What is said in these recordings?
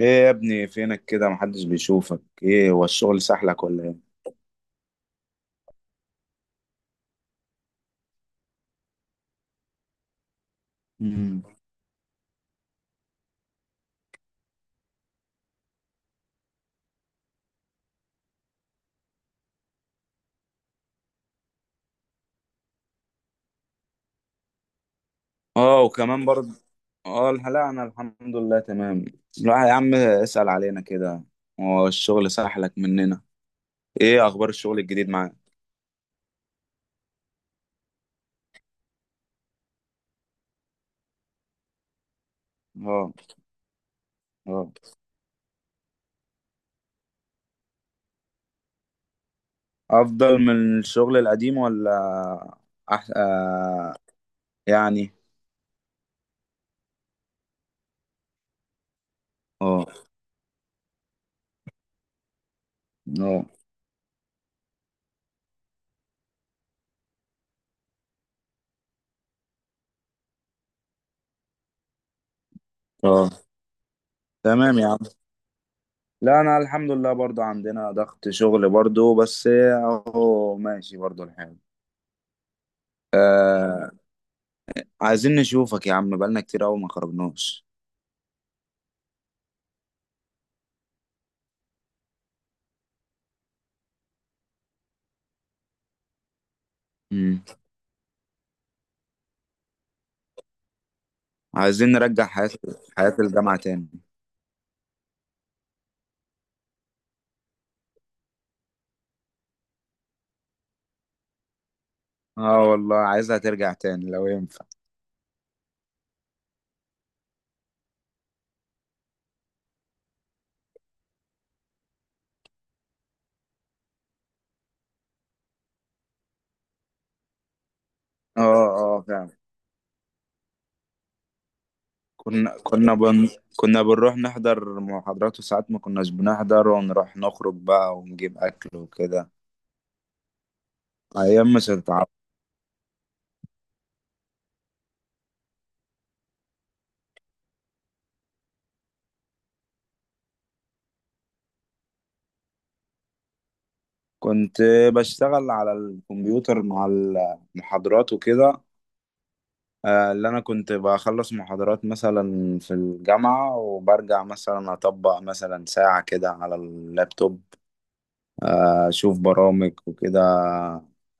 ايه يا ابني فينك كده؟ محدش بيشوفك. ايه هو الشغل سحلك ولا ايه؟ مم. اه، وكمان برضه. اه، لا انا الحمد لله تمام. لا يا عم، اسأل علينا كده. هو الشغل سحلك مننا؟ ايه اخبار الشغل الجديد معاك؟ اه، اه. افضل من الشغل القديم ولا؟ أح... آه يعني. اه، اه، اه، تمام يا عم. لا انا الحمد لله برضه عندنا ضغط شغل برضه، بس اهو ماشي برضه الحال. آه، عايزين نشوفك يا عم، بقالنا كتير قوي ما خرجناش. امم. عايزين نرجع حياة الجامعة تاني. اه والله، عايزها ترجع تاني لو ينفع. اه، اه فعلا. كنا كنا بن... كنا بنروح نحضر محاضرات، وساعات ما كناش بنحضر ونروح نخرج بقى ونجيب أكل وكده. أيام مش هتتعوض. كنت بشتغل على الكمبيوتر مع المحاضرات وكده. اللي انا كنت بخلص محاضرات مثلا في الجامعة وبرجع مثلا اطبق مثلا ساعة كده على اللابتوب. اشوف برامج وكده،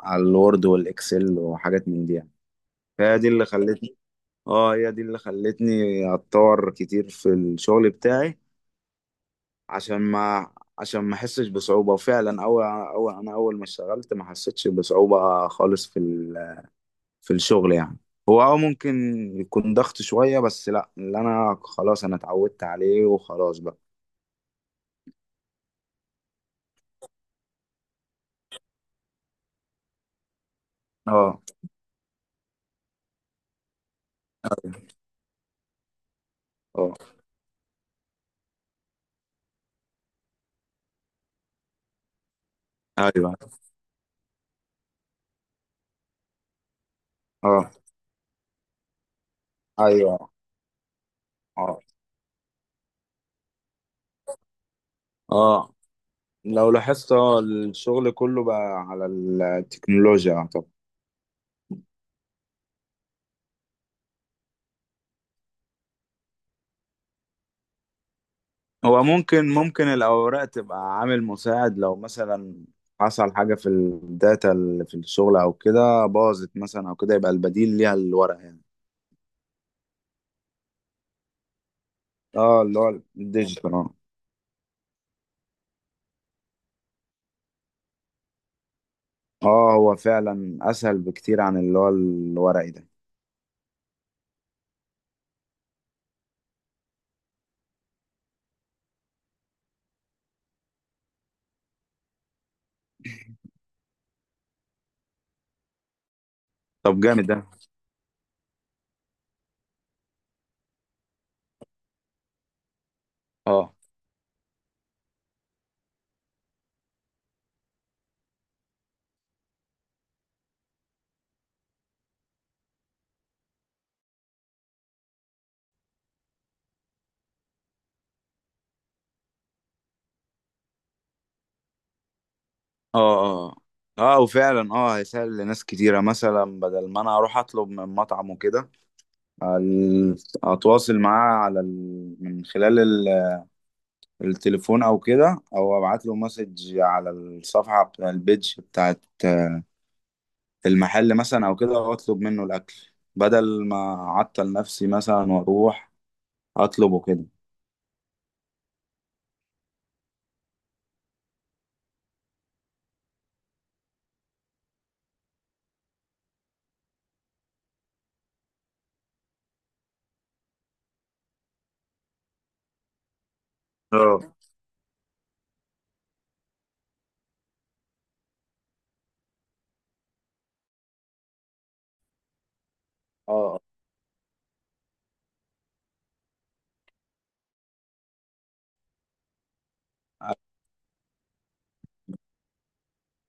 على الوورد والاكسل وحاجات من دي يعني. فهي دي اللي خلتني اه هي دي اللي خلتني اتطور كتير في الشغل بتاعي، عشان ما عشان ما احسش بصعوبة. وفعلا اول انا اول ما اشتغلت ما حسيتش بصعوبة خالص في الشغل يعني. هو ممكن يكون ضغط شوية، بس لا، اللي انا خلاص انا اتعودت عليه وخلاص بقى. اه، اه، ايوه، اه، ايوه، اه، اه. لو لاحظت، الشغل كله بقى على التكنولوجيا. طب هو ممكن الاوراق تبقى عامل مساعد، لو مثلا حصل حاجة في الداتا اللي في الشغل او كده، باظت مثلا او كده، يبقى البديل ليها الورق يعني. اه، اللي هو الديجيتال. اه، هو فعلا اسهل بكتير عن اللي هو الورقي ده. طب جامد ده. اه، اه، اه. اه، وفعلا هيسهل لناس كتيرة. مثلا بدل ما انا اروح اطلب من مطعم وكده، ال- اتواصل معاه على ال... من خلال ال... التليفون او كده، او ابعت له مسج على الصفحة بتاع البيج بتاعت المحل مثلا او كده، واطلب منه الاكل، بدل ما اعطل نفسي مثلا واروح اطلبه كده. اه، اه،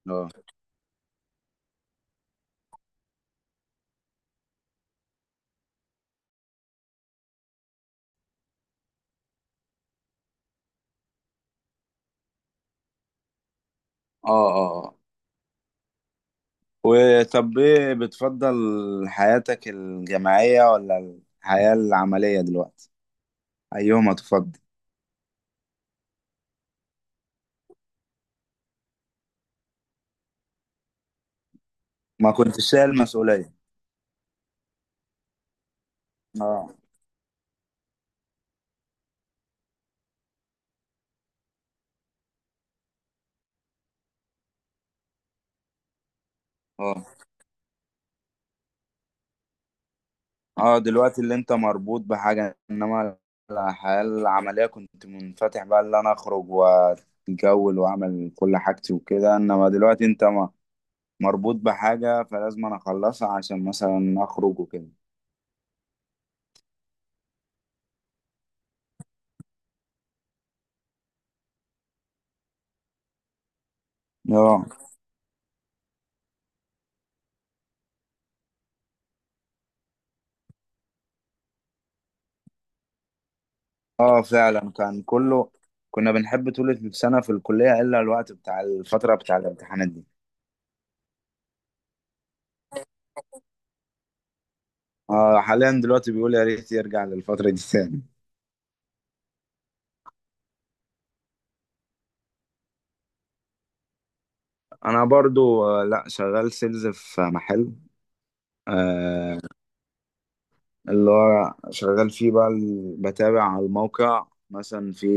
اه، اه، اه، اه. وطب ايه بتفضل، حياتك الجامعية ولا الحياة العملية دلوقتي؟ أيهما تفضل؟ ما كنتش شايل مسؤولية. اه، اه، اه. دلوقتي اللي انت مربوط بحاجة، انما الحياة العملية كنت منفتح بقى، اللي انا اخرج واتجول واعمل كل حاجتي وكده، انما دلوقتي انت ما مربوط بحاجة، فلازم انا اخلصها عشان مثلا اخرج وكده. اه، اه فعلا، كان كله. كنا بنحب طول السنة في الكلية، إلا الوقت بتاع الفترة بتاع الامتحانات دي. اه، حاليا دلوقتي بيقول يا ريت يرجع للفترة دي تاني. أنا برضو، لا، شغال سيلز في محل. آه اللي هو شغال فيه بقى، بتابع على الموقع مثلا. في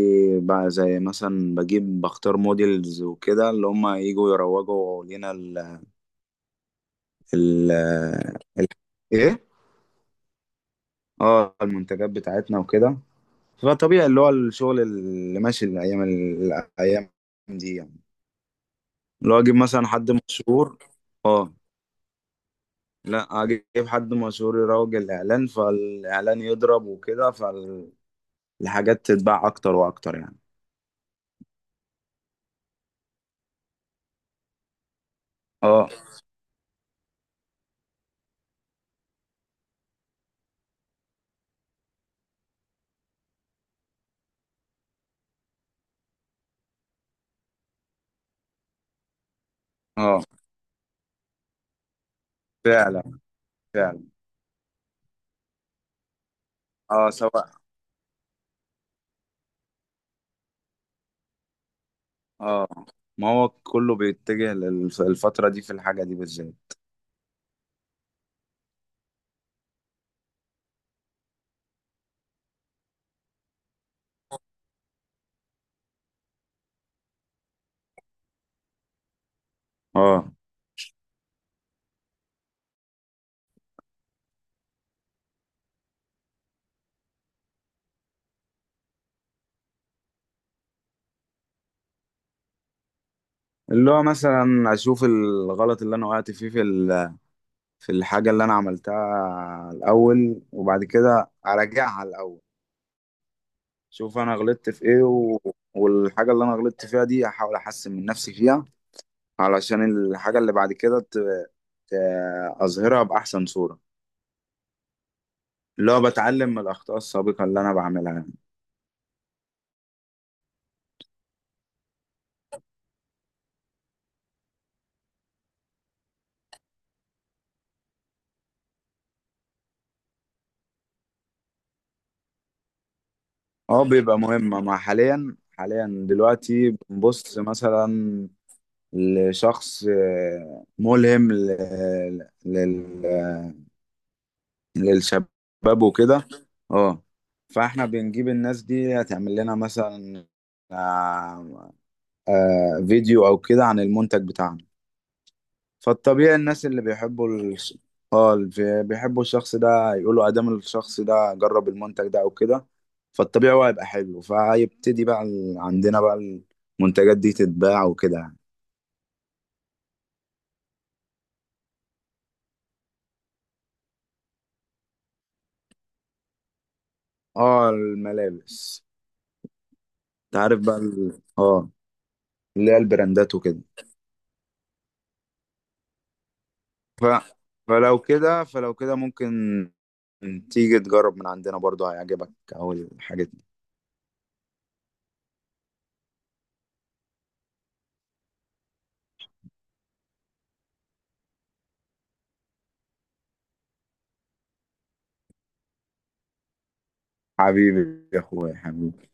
بقى زي مثلا بجيب بختار موديلز وكده، اللي هم يجوا يروجوا لنا ال ال ال- ايه اه المنتجات بتاعتنا وكده. فطبيعي اللي هو الشغل اللي ماشي الايام الايام دي يعني. لو اجيب مثلا حد مشهور. اه. لا، اجيب حد مشهور يروج الاعلان، فالاعلان يضرب وكده، فالحاجات تتباع اكتر واكتر يعني. اه، اه فعلا. فعلا، اه. سواء، اه. ما هو كله بيتجه للفترة دي في الحاجة دي بالذات. اه، اللي هو مثلا اشوف الغلط اللي انا وقعت فيه، في الحاجة اللي أنا عملتها الأول، وبعد كده أراجعها الأول، شوف أنا غلطت في إيه، والحاجة اللي أنا غلطت فيها دي أحاول أحسن من نفسي فيها، علشان الحاجة اللي بعد كده ت... أظهرها بأحسن صورة. اللي هو بتعلم من الأخطاء السابقة اللي أنا بعملها يعني. أه، بيبقى مهمة. مع حاليا حاليا دلوقتي بنبص مثلا لشخص، ملهم لل... للشباب وكده. اه. فاحنا بنجيب الناس دي هتعمل لنا مثلا آه، فيديو او كده عن المنتج بتاعنا. فالطبيعي الناس اللي بيحبوا الش... اه اللي بيحبوا الشخص ده يقولوا، ادام الشخص ده جرب المنتج ده او كده، فالطبيعي هو هيبقى حلو، فهيبتدي بقى عندنا بقى المنتجات دي تتباع وكده يعني. اه، الملابس. انت عارف بقى ال... اه اللي هي البراندات وكده. ف... فلو كده ممكن تيجي تجرب من عندنا برضو، هيعجبك. أول حاجة. حبيبي يا أخويا، حبيبي.